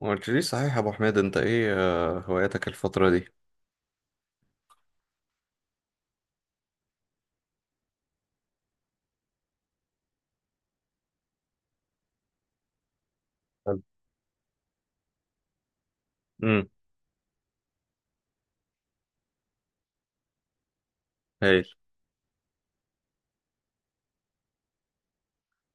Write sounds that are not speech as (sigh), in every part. ما قلتليش صحيح يا ابو حميد، انت ايه هواياتك الفترة دي؟ حلو. امم هايل.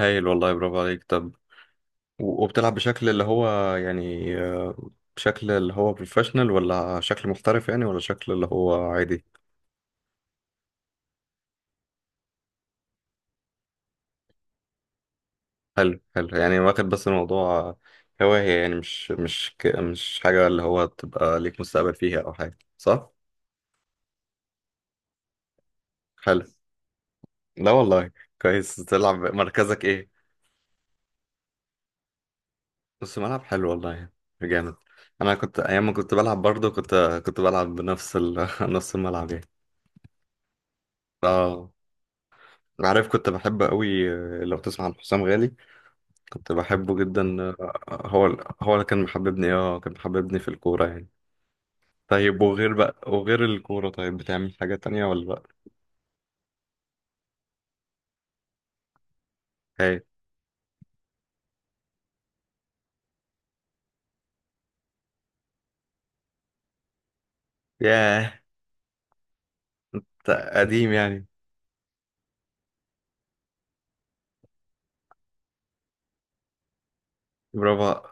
هايل والله، برافو عليك. طب وبتلعب بشكل اللي هو يعني، بشكل اللي هو بروفيشنال ولا شكل محترف يعني، ولا شكل اللي هو عادي؟ حلو حلو، يعني واخد بس الموضوع هواية يعني، مش مش حاجة اللي هو تبقى ليك مستقبل فيها او حاجة، صح؟ حلو. لا والله. كويس. تلعب مركزك ايه؟ بس ملعب، حلو والله. جامد. انا كنت ايام ما كنت بلعب برضه، كنت بلعب بنفس (laughs) نفس الملعب يعني. اه، عارف كنت بحب قوي. لو تسمع عن حسام غالي، كنت بحبه جدا. هو هو اللي كان محببني، اه كان محببني في الكورة يعني. طيب وغير بقى، وغير الكورة طيب بتعمل حاجة تانية ولا بقى؟ هاي. ياه، ده قديم يعني. برافو.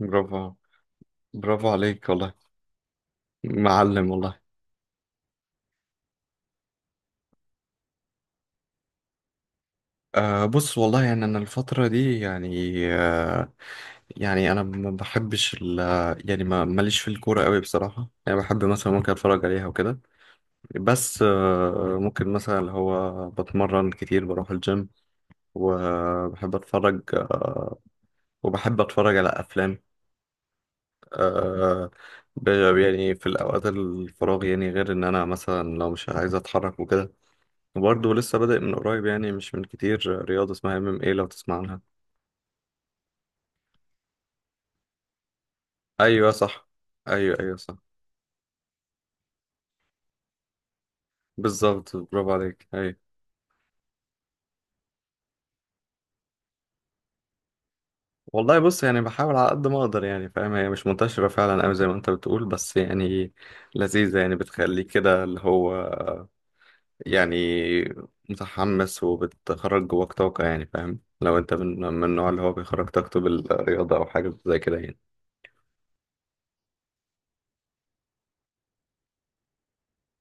برافو، برافو عليك والله. معلم والله. أه بص والله يعني، أنا الفترة دي يعني يعني انا ما بحبش ال، يعني ما ماليش في الكوره قوي بصراحه، يعني بحب مثلا ممكن اتفرج عليها وكده. بس ممكن مثلا اللي هو بتمرن كتير، بروح الجيم. وبحب اتفرج، وبحب اتفرج على افلام، آه، ب- يعني في الاوقات الفراغ يعني، غير ان انا مثلا لو مش عايز اتحرك وكده. وبرضه لسه بادئ من قريب، يعني مش من كتير، رياضه اسمها ام ام ايه، لو تسمع عنها. ايوه صح. ايوه ايوه صح. بالظبط، برافو عليك، ايوه. والله بص، يعني بحاول على قد ما اقدر يعني، فاهم؟ هي مش منتشرة فعلا قوي زي ما انت بتقول، بس يعني لذيذة يعني، بتخليك كده اللي هو يعني متحمس، وبتخرج جواك طاقة يعني، فاهم؟ لو انت من النوع اللي هو بيخرج طاقته بالرياضة او حاجة زي كده يعني.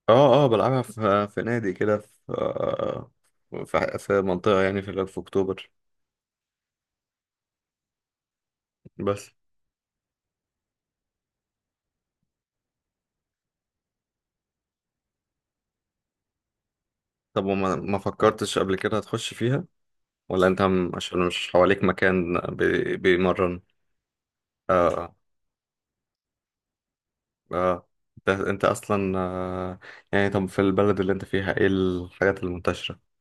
اه، اه بلعبها في نادي كده، في في منطقة يعني، في اكتوبر. بس. طب وما ما فكرتش قبل كده تخش فيها، ولا انت عشان مش حواليك مكان بيمرن؟ اه. اه، انت انت اصلا يعني طب في البلد اللي انت فيها ايه الحاجات المنتشرة؟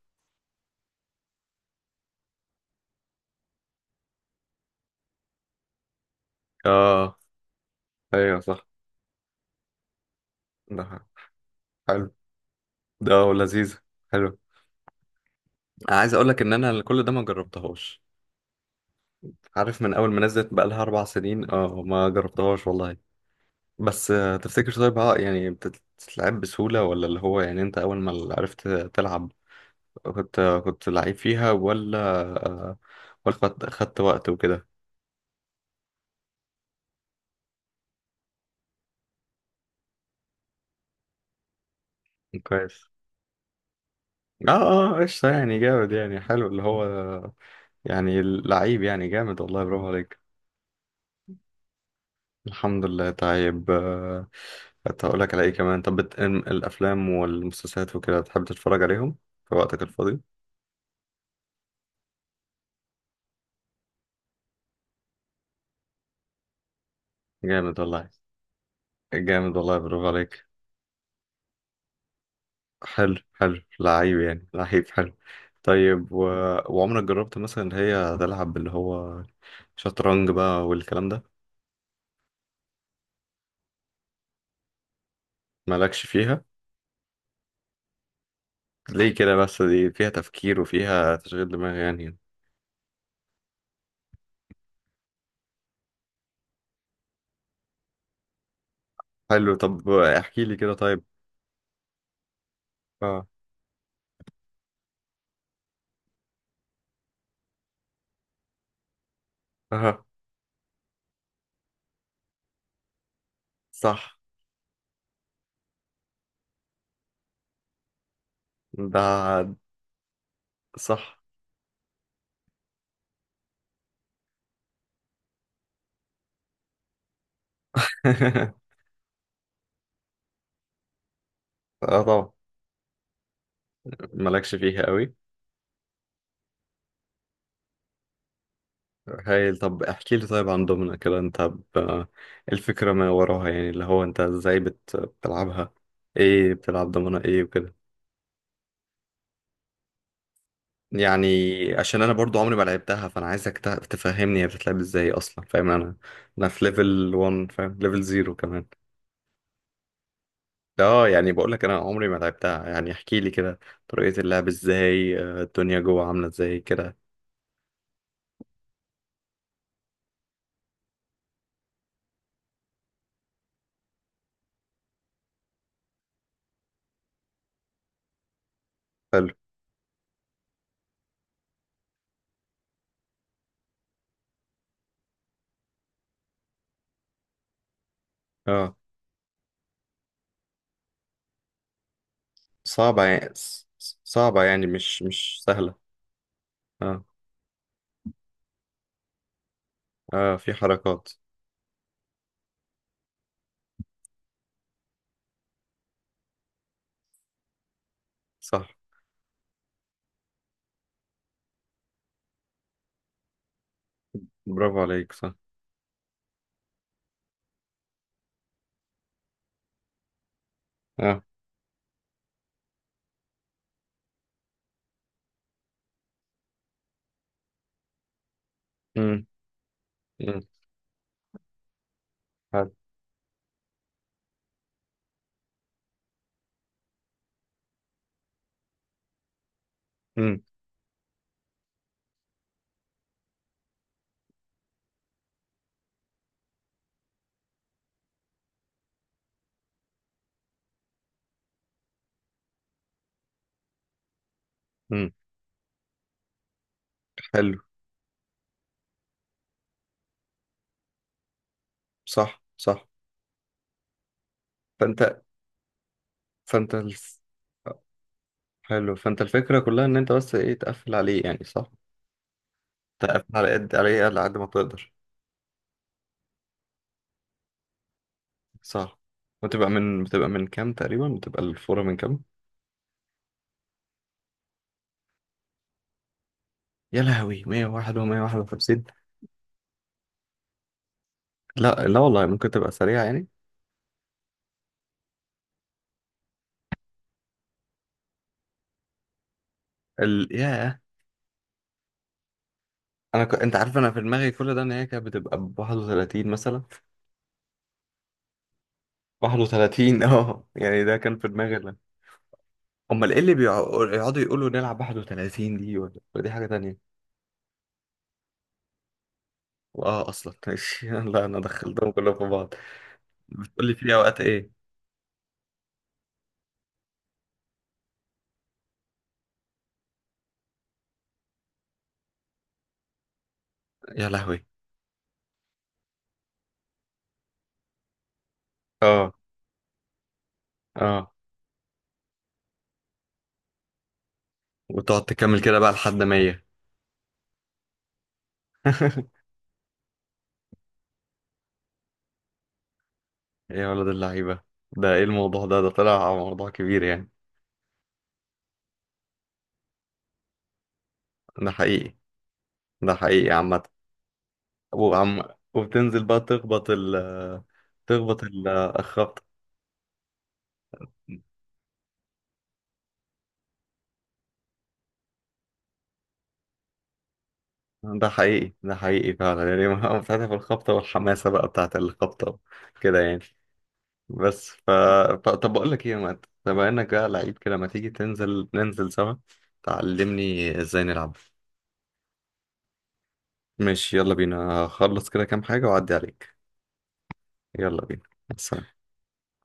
اه. ايوه صح. ده حلو. ده ولذيذ. حلو. عايز اقول لك ان انا كل ده ما جربتهاش. عارف من اول ما نزلت بقى لها اربع سنين، اه ما جربتهاش والله. بس تفتكر طيب ها، يعني بتتلعب بسهولة، ولا اللي هو يعني انت اول ما عرفت تلعب كنت كنت لعيب فيها، ولا آه، ولا خدت وقت وكده؟ كويس. اه، اه قشطة، يعني جامد، يعني حلو اللي هو يعني لعيب يعني، جامد والله، برافو عليك. الحمد لله. طيب كنت هقول لك على ايه كمان؟ طب الافلام والمسلسلات وكده، تحب تتفرج عليهم في وقتك الفاضي؟ جامد والله. جامد والله، برافو عليك. حلو حلو، لعيب يعني، لعيب، حلو. طيب وعمرك جربت مثلا اللي هي تلعب اللي هو شطرنج بقى والكلام ده؟ مالكش فيها؟ ليه كده بس؟ دي فيها تفكير وفيها تشغيل دماغ يعني. حلو، طب احكي لي كده طيب. اه. اه، صح. ده صح. (laughs) اه طبعا. مالكش فيها قوي. هايل. طب احكي لي طيب عن دومنا كده، انت الفكرة ما وراها يعني، اللي هو انت ازاي بتلعبها؟ ايه؟ بتلعب دومنا ايه وكده يعني؟ عشان انا برضو عمري ما لعبتها، فانا عايزك تفهمني هي بتتلعب ازاي اصلا. فاهم؟ انا انا في ليفل 1، فاهم؟ ليفل 0 كمان. اه، يعني بقول لك انا عمري ما لعبتها يعني. احكي لي كده طريقة اللعب ازاي، الدنيا جوه عاملة ازاي كده. حلو. اه، صعبة يعني صعبة يعني، مش سهلة. اه. اه، في حركات. صح. برافو عليك، صح. اه. امم. امم. حلو. امم. امم. حلو. صح صح. فانت فانت حلو، فانت الفكرة كلها ان انت بس ايه، تقفل عليه يعني، صح؟ تقفل على قد عليه، على قد ما تقدر. صح. بتبقى من، بتبقى من كام تقريبا؟ بتبقى الفورة من كام؟ يا لهوي، 101 و151! لا لا والله، ممكن تبقى سريعة يعني. ياه. انا انت عارف انا في دماغي كل ده ان هي كانت بتبقى ب 31 مثلا. 31 (laughs) اه يعني ده كان في دماغي ده. امال ايه اللي بيقعدوا يقعدوا يقولوا نلعب 31 دي، ولا دي حاجة تانية؟ اه، اصلا ماشي (laughs) لا انا دخلتهم كلهم في بعض. بتقول لي في اوقات ايه؟ يا لهوي. اه. اه، وتقعد تكمل كده بقى لحد 100؟ (laughs) يا ولد اللعيبة، ده ايه الموضوع ده؟ ده طلع موضوع كبير يعني. ده حقيقي. ده حقيقي عامة. وعم، وبتنزل بقى تخبط ال، تخبط الخبطة. ده حقيقي، ده حقيقي فعلا يعني، ما بتاعتها في الخبطة، والحماسة بقى بتاعت الخبطة كده يعني. بس طب بقول لك ايه يا مات، بما انك بقى لعيب كده، ما تيجي تنزل ننزل سوا، تعلمني ازاي نلعب. ماشي يلا بينا. هخلص كده كام حاجة وأعدي عليك. يلا بينا. سلام.